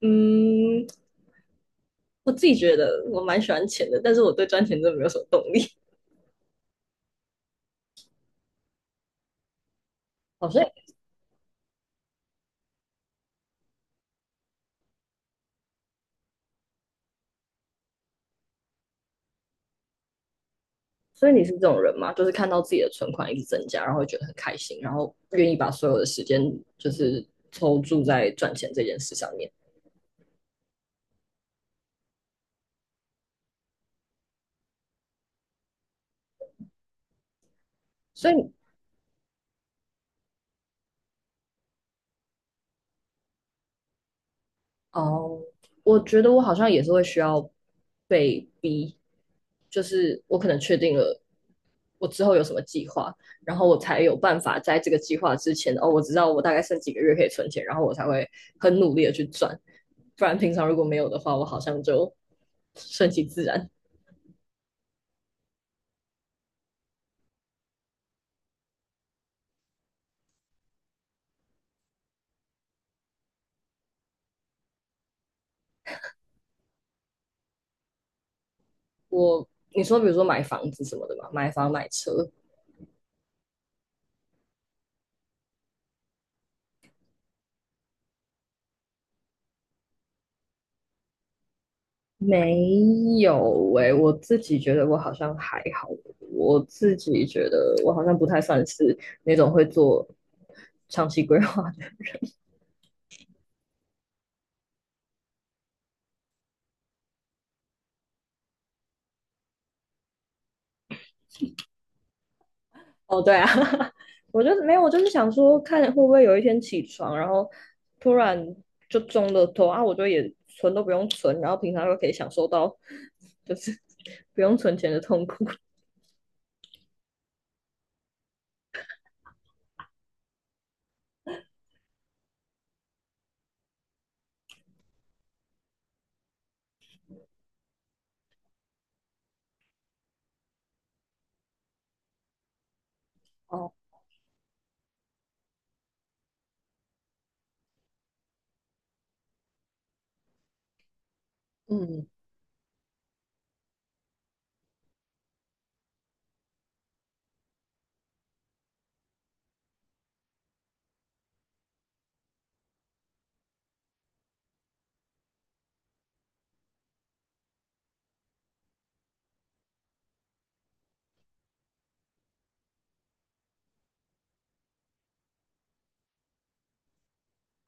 嗯，我自己觉得我蛮喜欢钱的，但是我对赚钱真的没有什么动力。好以所以你是这种人吗？就是看到自己的存款一直增加，然后会觉得很开心，然后愿意把所有的时间就是抽注在赚钱这件事上面。所以哦，我觉得我好像也是会需要被逼，就是我可能确定了我之后有什么计划，然后我才有办法在这个计划之前，哦，我知道我大概剩几个月可以存钱，然后我才会很努力的去赚，不然平常如果没有的话，我好像就顺其自然。我，你说比如说买房子什么的嘛，买房买车，没有诶、我自己觉得我好像还好，我自己觉得我好像不太算是那种会做长期规划的。哦，对啊，我就没有，我就是想说看会不会有一天起床，然后突然就中了头啊，我就也存都不用存，然后平常又可以享受到就是 不用存钱的痛苦。哦，嗯，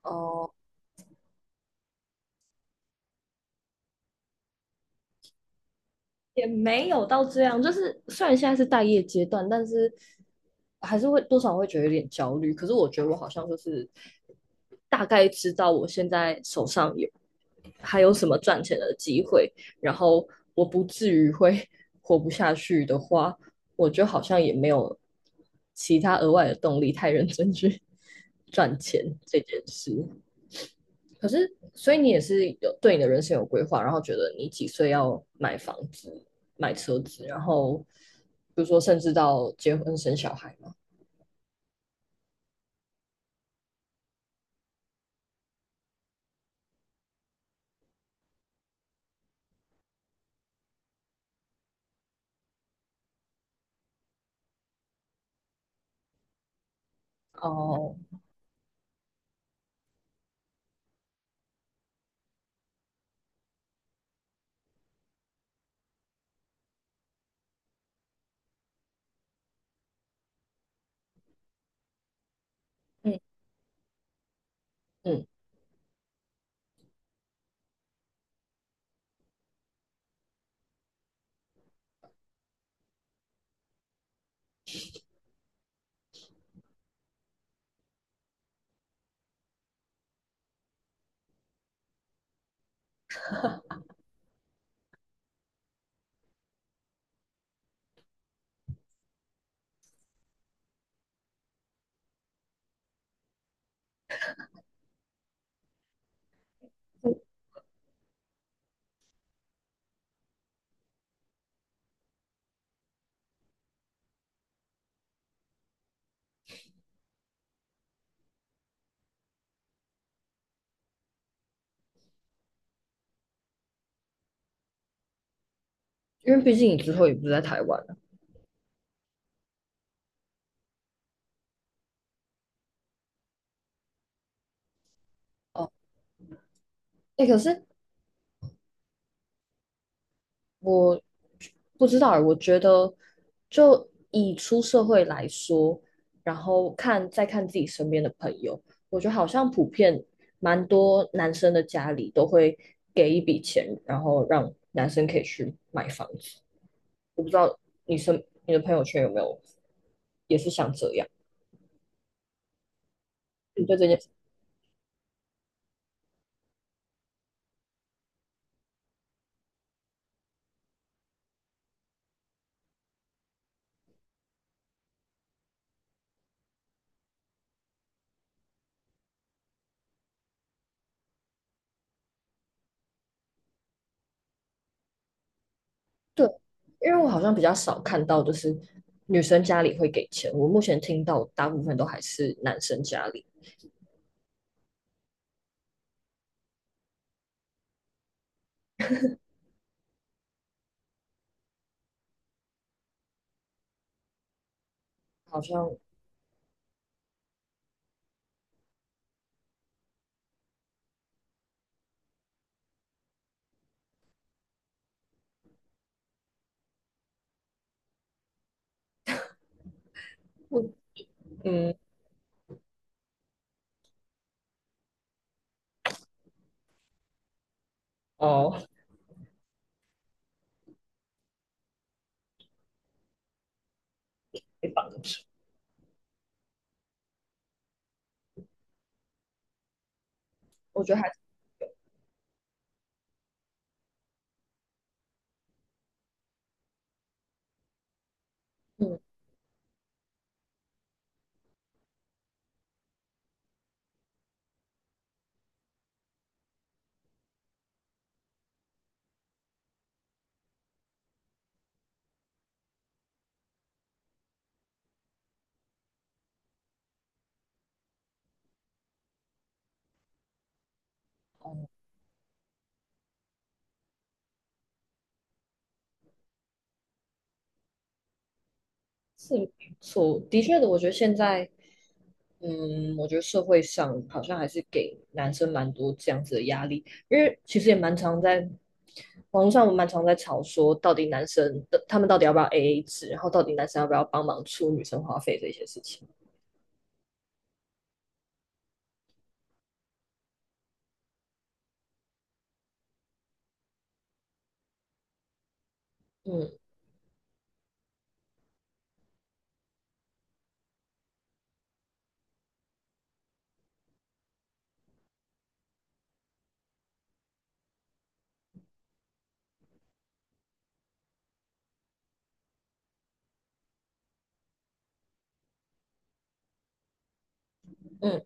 哦。也没有到这样，就是虽然现在是待业阶段，但是还是会多少会觉得有点焦虑。可是我觉得我好像就是大概知道我现在手上还有什么赚钱的机会，然后我不至于会 活不下去的话，我就好像也没有其他额外的动力太认真去 赚钱这件事。可是，所以你也是有对你的人生有规划，然后觉得你几岁要买房子、买车子，然后比如说甚至到结婚生小孩嘛。哦，嗯嗯，因为毕竟你之后也不是在台湾了。哦，哎、可是我不知道欸，我觉得就以出社会来说，然后再看自己身边的朋友，我觉得好像普遍蛮多男生的家里都会给一笔钱，然后让男生可以去买房子。我不知道你的朋友圈有没有也是像这样？你对这件事，对，因为我好像比较少看到就是女生家里会给钱，我目前听到大部分都还是男生家里，好像不。嗯，哦，非常的我觉得还是嗯是不错，的确的，我觉得现在我觉得社会上好像还是给男生蛮多这样子的压力，因为其实也蛮常在网络上，我蛮常在吵说，到底男生的他们到底要不要 AA 制，然后到底男生要不要帮忙出女生花费这些事情。嗯嗯，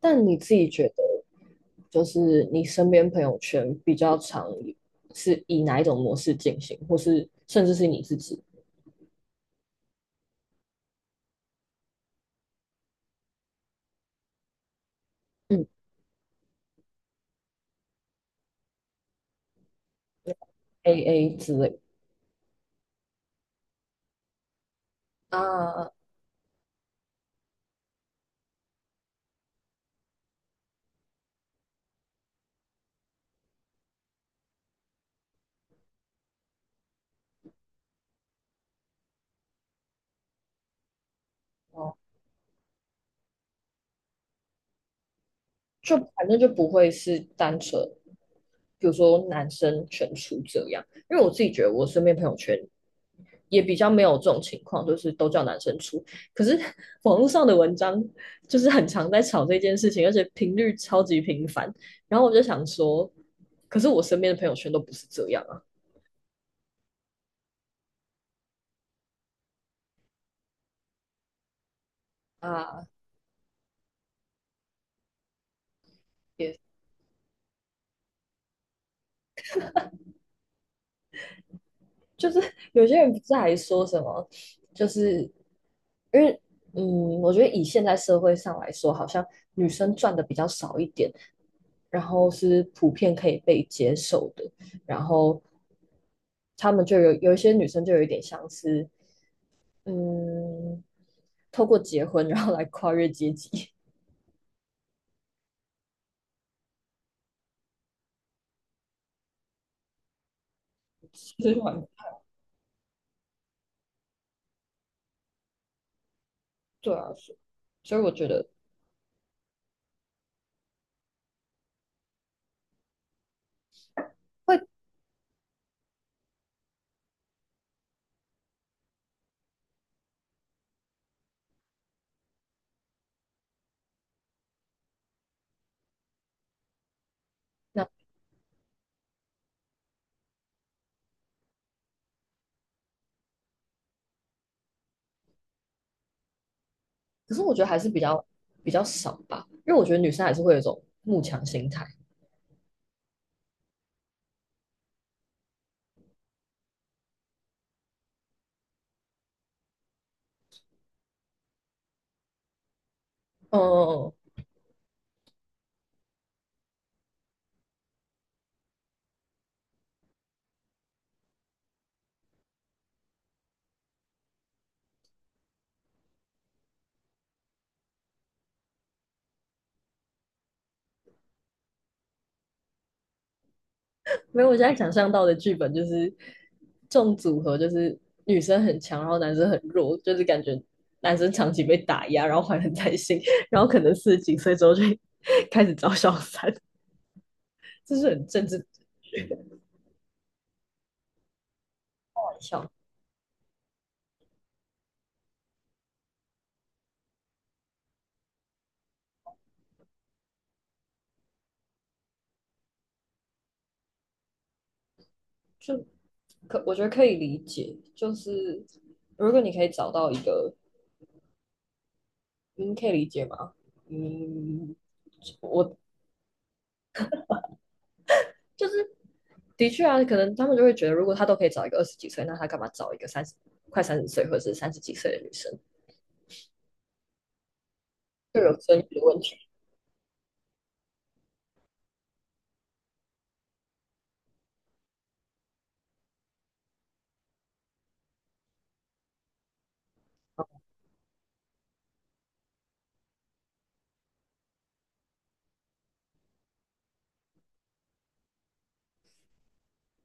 但你自己觉得，就是你身边朋友圈比较常是以哪一种模式进行，或是甚至是你自己？嗯 AA 之类啊，哦，就反正就不会是单纯，比如说男生全出这样，因为我自己觉得我身边朋友圈也比较没有这种情况，就是都叫男生出。可是 网络上的文章就是很常在吵这件事情，而且频率超级频繁。然后我就想说，可是我身边的朋友圈都不是这样啊。啊，也就是 有些人不是还说什么，就是因为我觉得以现在社会上来说，好像女生赚的比较少一点，然后是普遍可以被接受的，然后他们就有一些女生就有一点像是嗯，透过结婚然后来跨越阶级，其是蛮对啊，所以我觉得会那，可是我觉得还是比较少吧，因为我觉得女生还是会有一种慕强心态，嗯嗯嗯。没有，我现在想象到的剧本就是这种组合，就是女生很强，然后男生很弱，就是感觉男生长期被打压，然后怀恨在心，然后可能四十几岁之后就开始找小三，这是很政治玩向。就我觉得可以理解，就是如果你可以找到一个，嗯，可以理解吗？嗯，我就是的确啊，可能他们就会觉得，如果他都可以找一个二十几岁，那他干嘛找一个快三十岁或者是三十几岁的女生？就有生育的问题，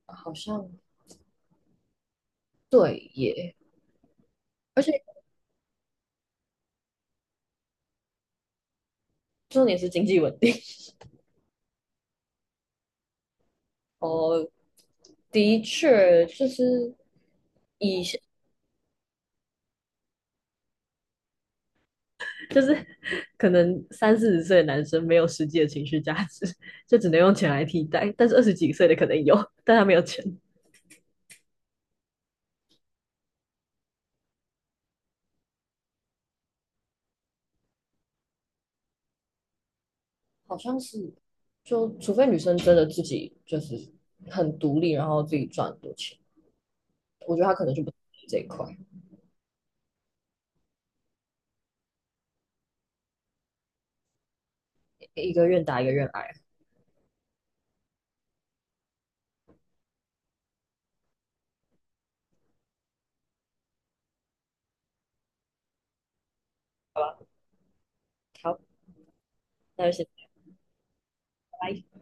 好像对耶，而且重点是经济稳定 哦，的确就是以就是 可能三四十岁的男生没有实际的情绪价值，就只能用钱来替代，但是二十几岁的可能有，但他没有钱，好像是，就除非女生真的自己就是很独立，然后自己赚很多钱，我觉得他可能就不这一块，一个愿打一个愿挨，好吧，好，那就先拜拜。